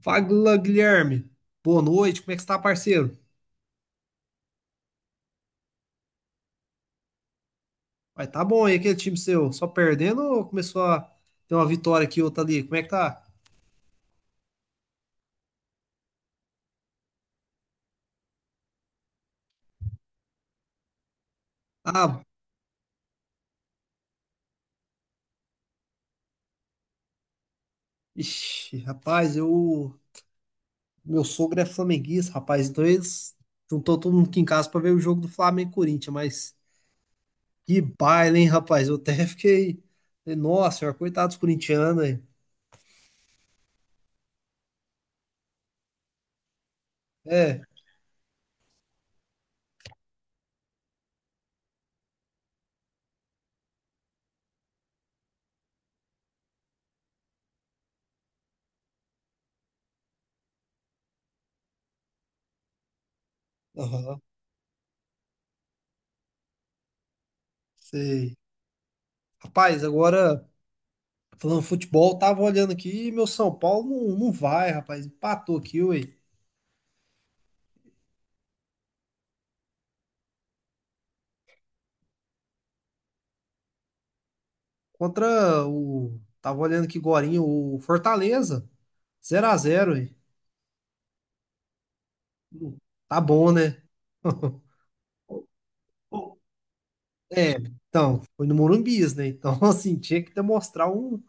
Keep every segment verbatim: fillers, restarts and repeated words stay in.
Fala, Guilherme. Boa noite, como é que você tá, parceiro? Vai, tá bom aí aquele time seu? Só perdendo ou começou a ter uma vitória aqui, outra ali? Como é que tá? Ah, ixi, rapaz, eu. Meu sogro é flamenguista, rapaz, então eles juntou todo mundo aqui em casa pra ver o jogo do Flamengo e Corinthians, mas que baile, hein, rapaz? Eu até fiquei. Falei, nossa senhora, coitado dos corintianos aí. É, aham, sei. Rapaz, agora. Falando futebol, tava olhando aqui e meu São Paulo não, não vai, rapaz. Empatou aqui, ué. Contra o. Tava olhando aqui agorinha, o Fortaleza. Zero a zero, ué. Tá bom, né? É, então, foi no Morumbis, né? Então, assim, tinha que demonstrar uma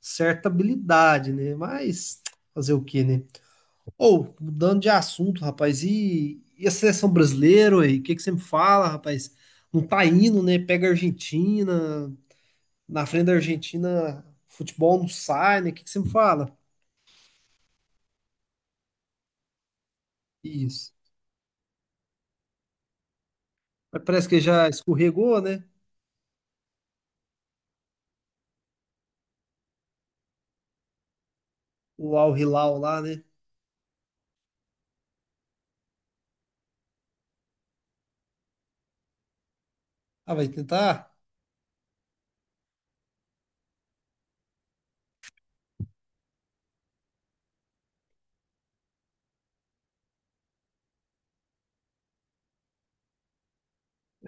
certa habilidade, né? Mas fazer o quê, né? Ou, mudando de assunto, rapaz, e, e a seleção brasileira, ué? O que que você me fala, rapaz? Não tá indo, né? Pega a Argentina, na frente da Argentina, futebol não sai, né? O que que você me fala? Isso. Mas parece que já escorregou, né? O Al Hilal lá, né? Ah, vai tentar?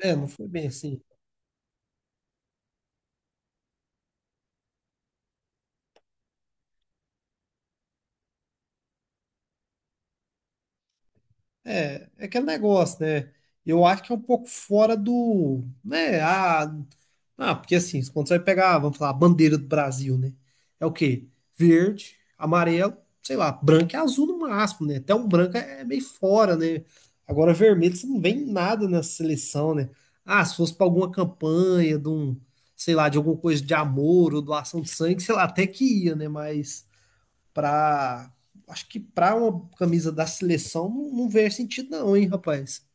É, não foi bem assim. É, é aquele negócio, né? Eu acho que é um pouco fora do, né? Ah, ah, porque assim, quando você vai pegar, vamos falar, a bandeira do Brasil, né? É o quê? Verde, amarelo, sei lá, branco e azul no máximo, né? Até um branco é meio fora, né? Agora vermelho você não vê em nada nessa seleção, né? Ah, se fosse para alguma campanha de um, sei lá, de alguma coisa de amor ou doação de sangue, sei lá, até que ia, né? Mas para acho que para uma camisa da seleção não, não vê sentido não, hein, rapaz?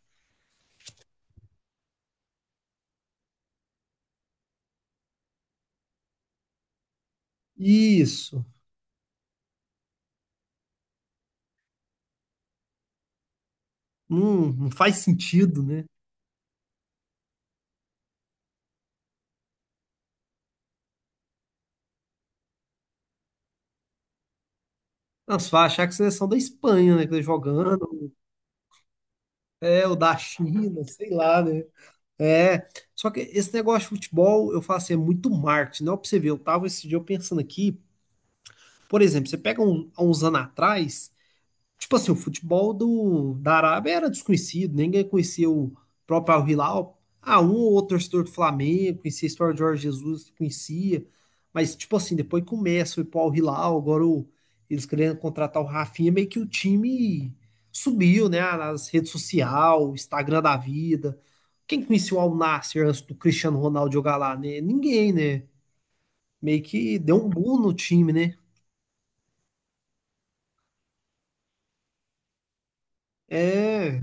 Isso. Não, não faz sentido, né? Não, você vai achar que a seleção da Espanha, né, que tá jogando, é, o da China, sei lá, né? É, só que esse negócio de futebol, eu falo assim, é muito marketing, não é pra você ver, eu tava esse dia eu pensando aqui, por exemplo, você pega um, há uns anos atrás, tipo assim, o futebol do, da Arábia era desconhecido, ninguém conhecia o próprio Al-Hilal. Ah, um ou outro torcedor do Flamengo, conhecia a história de Jorge Jesus, conhecia. Mas, tipo assim, depois que o Messi foi pro Al-Hilal, agora o- eles querendo contratar o Rafinha, meio que o time subiu, né? Nas redes sociais, Instagram da vida. Quem conhecia o Al-Nassr antes do Cristiano Ronaldo jogar lá, né? Ninguém, né? Meio que deu um boom no time, né? É,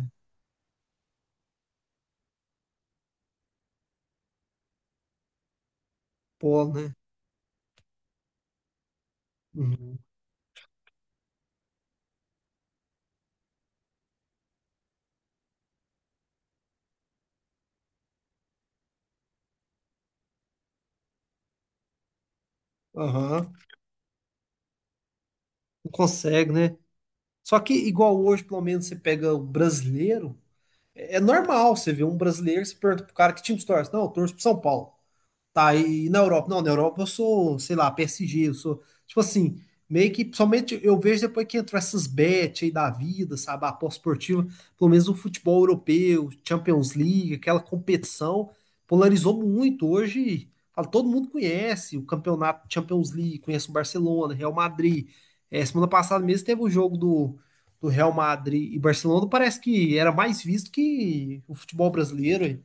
pô, né? Uhum. Aham. Não consegue, né? Só que igual hoje, pelo menos, você pega o brasileiro, é é normal você ver um brasileiro, você pergunta pro cara que time você torce. Não, eu torço pro São Paulo. Tá, e na Europa? Não, na Europa eu sou, sei lá, P S G, eu sou, tipo assim, meio que somente eu vejo depois que entrou essas bets aí da vida, sabe, a aposta esportiva, pelo menos o futebol europeu, Champions League, aquela competição, polarizou muito. Hoje, fala, todo mundo conhece o campeonato Champions League, conhece o Barcelona, Real Madrid. É, semana passada mesmo teve o jogo do, do Real Madrid e Barcelona, parece que era mais visto que o futebol brasileiro, hein?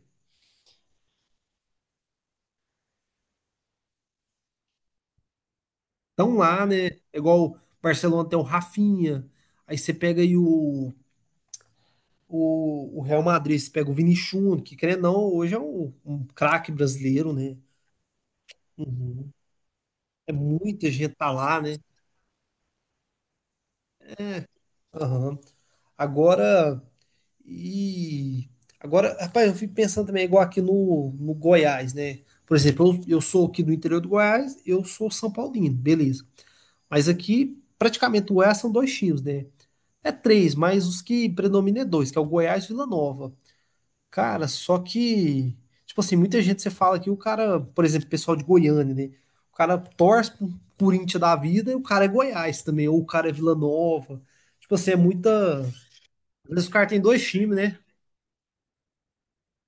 Estão lá, né? É igual o Barcelona tem o Rafinha. Aí você pega aí o, o, o Real Madrid, você pega o Vini Júnior, que querendo ou não, hoje é um, um craque brasileiro, né? Uhum. É muita gente tá lá, né? Aham. Agora, e agora, rapaz, eu fico pensando também, igual aqui no, no Goiás, né? Por exemplo, eu, eu sou aqui do interior do Goiás, eu sou São Paulino, beleza. Mas aqui, praticamente, o Goiás são dois times, né? É três, mas os que predominam é dois, que é o Goiás e Vila Nova. Cara, só que, tipo assim, muita gente você fala que o cara, por exemplo, pessoal de Goiânia, né? O cara torce pro Corinthians da vida e o cara é Goiás também, ou o cara é Vila Nova. Tipo assim, é muita. Às vezes o cara tem dois times, né?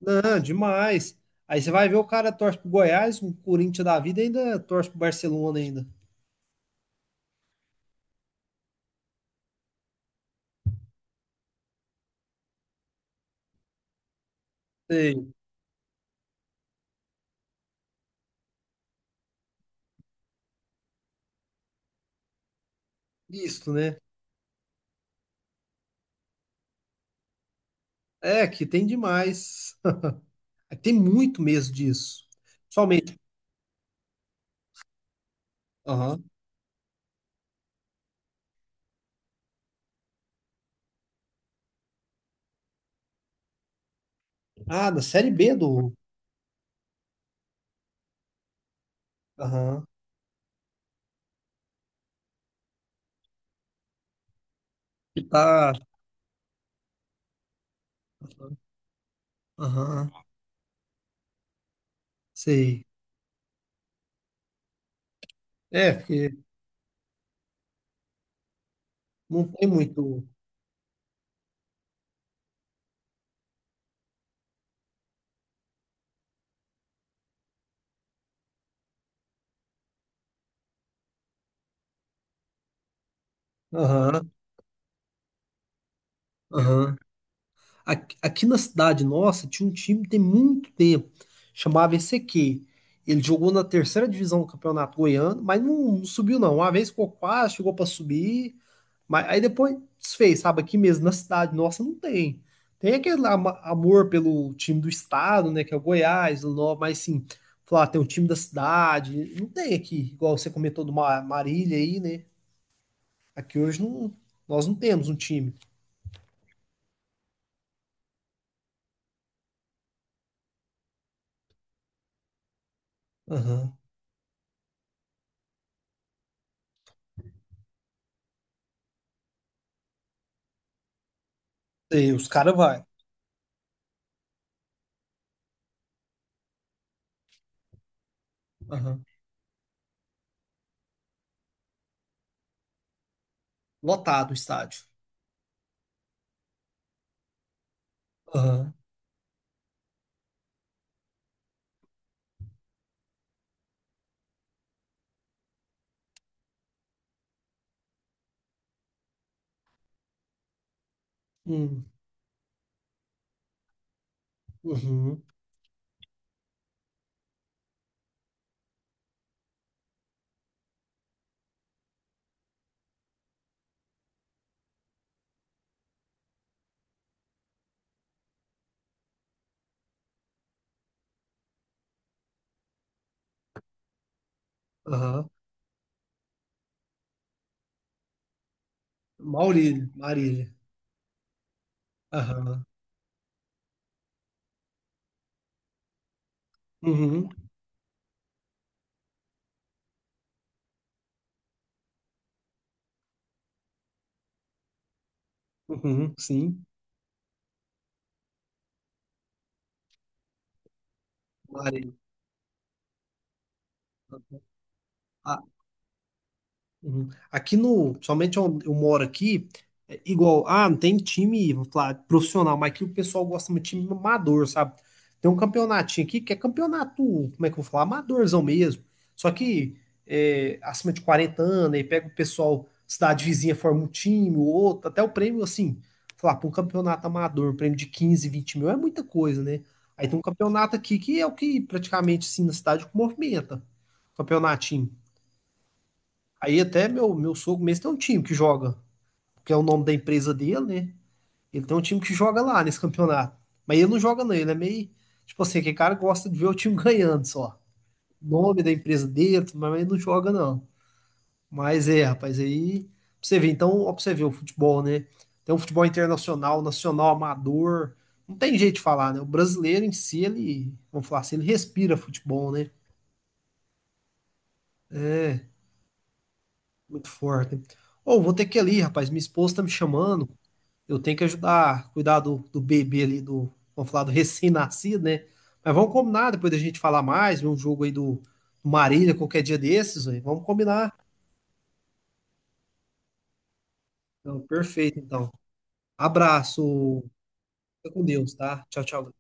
Não, demais. Aí você vai ver o cara torce pro Goiás, o Corinthians da vida e ainda torce pro Barcelona ainda. Sei. Isso, né? É, que tem demais. Tem muito mesmo disso. Somente. Ah, da Série B do. Aham. Que tá. Aham. Sei. É, porque não tem muito. Aham. Aham. Aqui, aqui na cidade nossa tinha um time tem muito tempo, chamava E C Q. Ele jogou na terceira divisão do Campeonato Goiano, mas não, não subiu não. Uma vez ficou quase, chegou para subir, mas aí depois desfez, sabe? Aqui mesmo na cidade nossa não tem. Tem aquele ama- amor pelo time do estado, né, que é o Goiás, o Nova, mas sim, falar, ah, tem um time da cidade, não tem aqui, igual você comentou do Ma- Marília aí, né? Aqui hoje não, nós não temos um time. Aham. E os caras vai. Lotado o estádio. Aham. Hum. Uhum. Aham. Maurílio, Marília. Aham. Uhum. Uhum. Sim. Marília. Uhum. Aqui no, somente onde eu moro aqui, é igual, ah, não tem time, vou falar, profissional, mas aqui o pessoal gosta muito de time amador, sabe? Tem um campeonatinho aqui que é campeonato, como é que eu vou falar? Amadorzão mesmo. Só que é, acima de quarenta anos, aí pega o pessoal, cidade vizinha forma um time, o outro, até o prêmio, assim, falar, para um campeonato amador, um prêmio de quinze vinte mil é muita coisa, né? Aí tem um campeonato aqui que é o que praticamente, assim, na cidade movimenta, campeonatinho. Aí até meu, meu sogro mesmo tem um time que joga, que é o nome da empresa dele, né? Ele tem um time que joga lá nesse campeonato. Mas ele não joga não, ele é meio, tipo assim, aquele cara que gosta de ver o time ganhando só. Nome da empresa dele, mas ele não joga não. Mas é, rapaz, aí pra você ver, então, ó, pra você ver o futebol, né? Tem um futebol internacional, nacional, amador. Não tem jeito de falar, né? O brasileiro em si, ele, vamos falar assim, ele respira futebol, né? Muito forte. Ô, vou ter que ir ali, rapaz. Minha esposa tá me chamando. Eu tenho que ajudar, cuidar do, do bebê ali, do, vamos falar do recém-nascido, né? Mas vamos combinar depois da gente falar mais, ver um jogo aí do Marília qualquer dia desses, velho. Vamos combinar. Então, perfeito, então. Abraço, fica com Deus, tá? Tchau, tchau.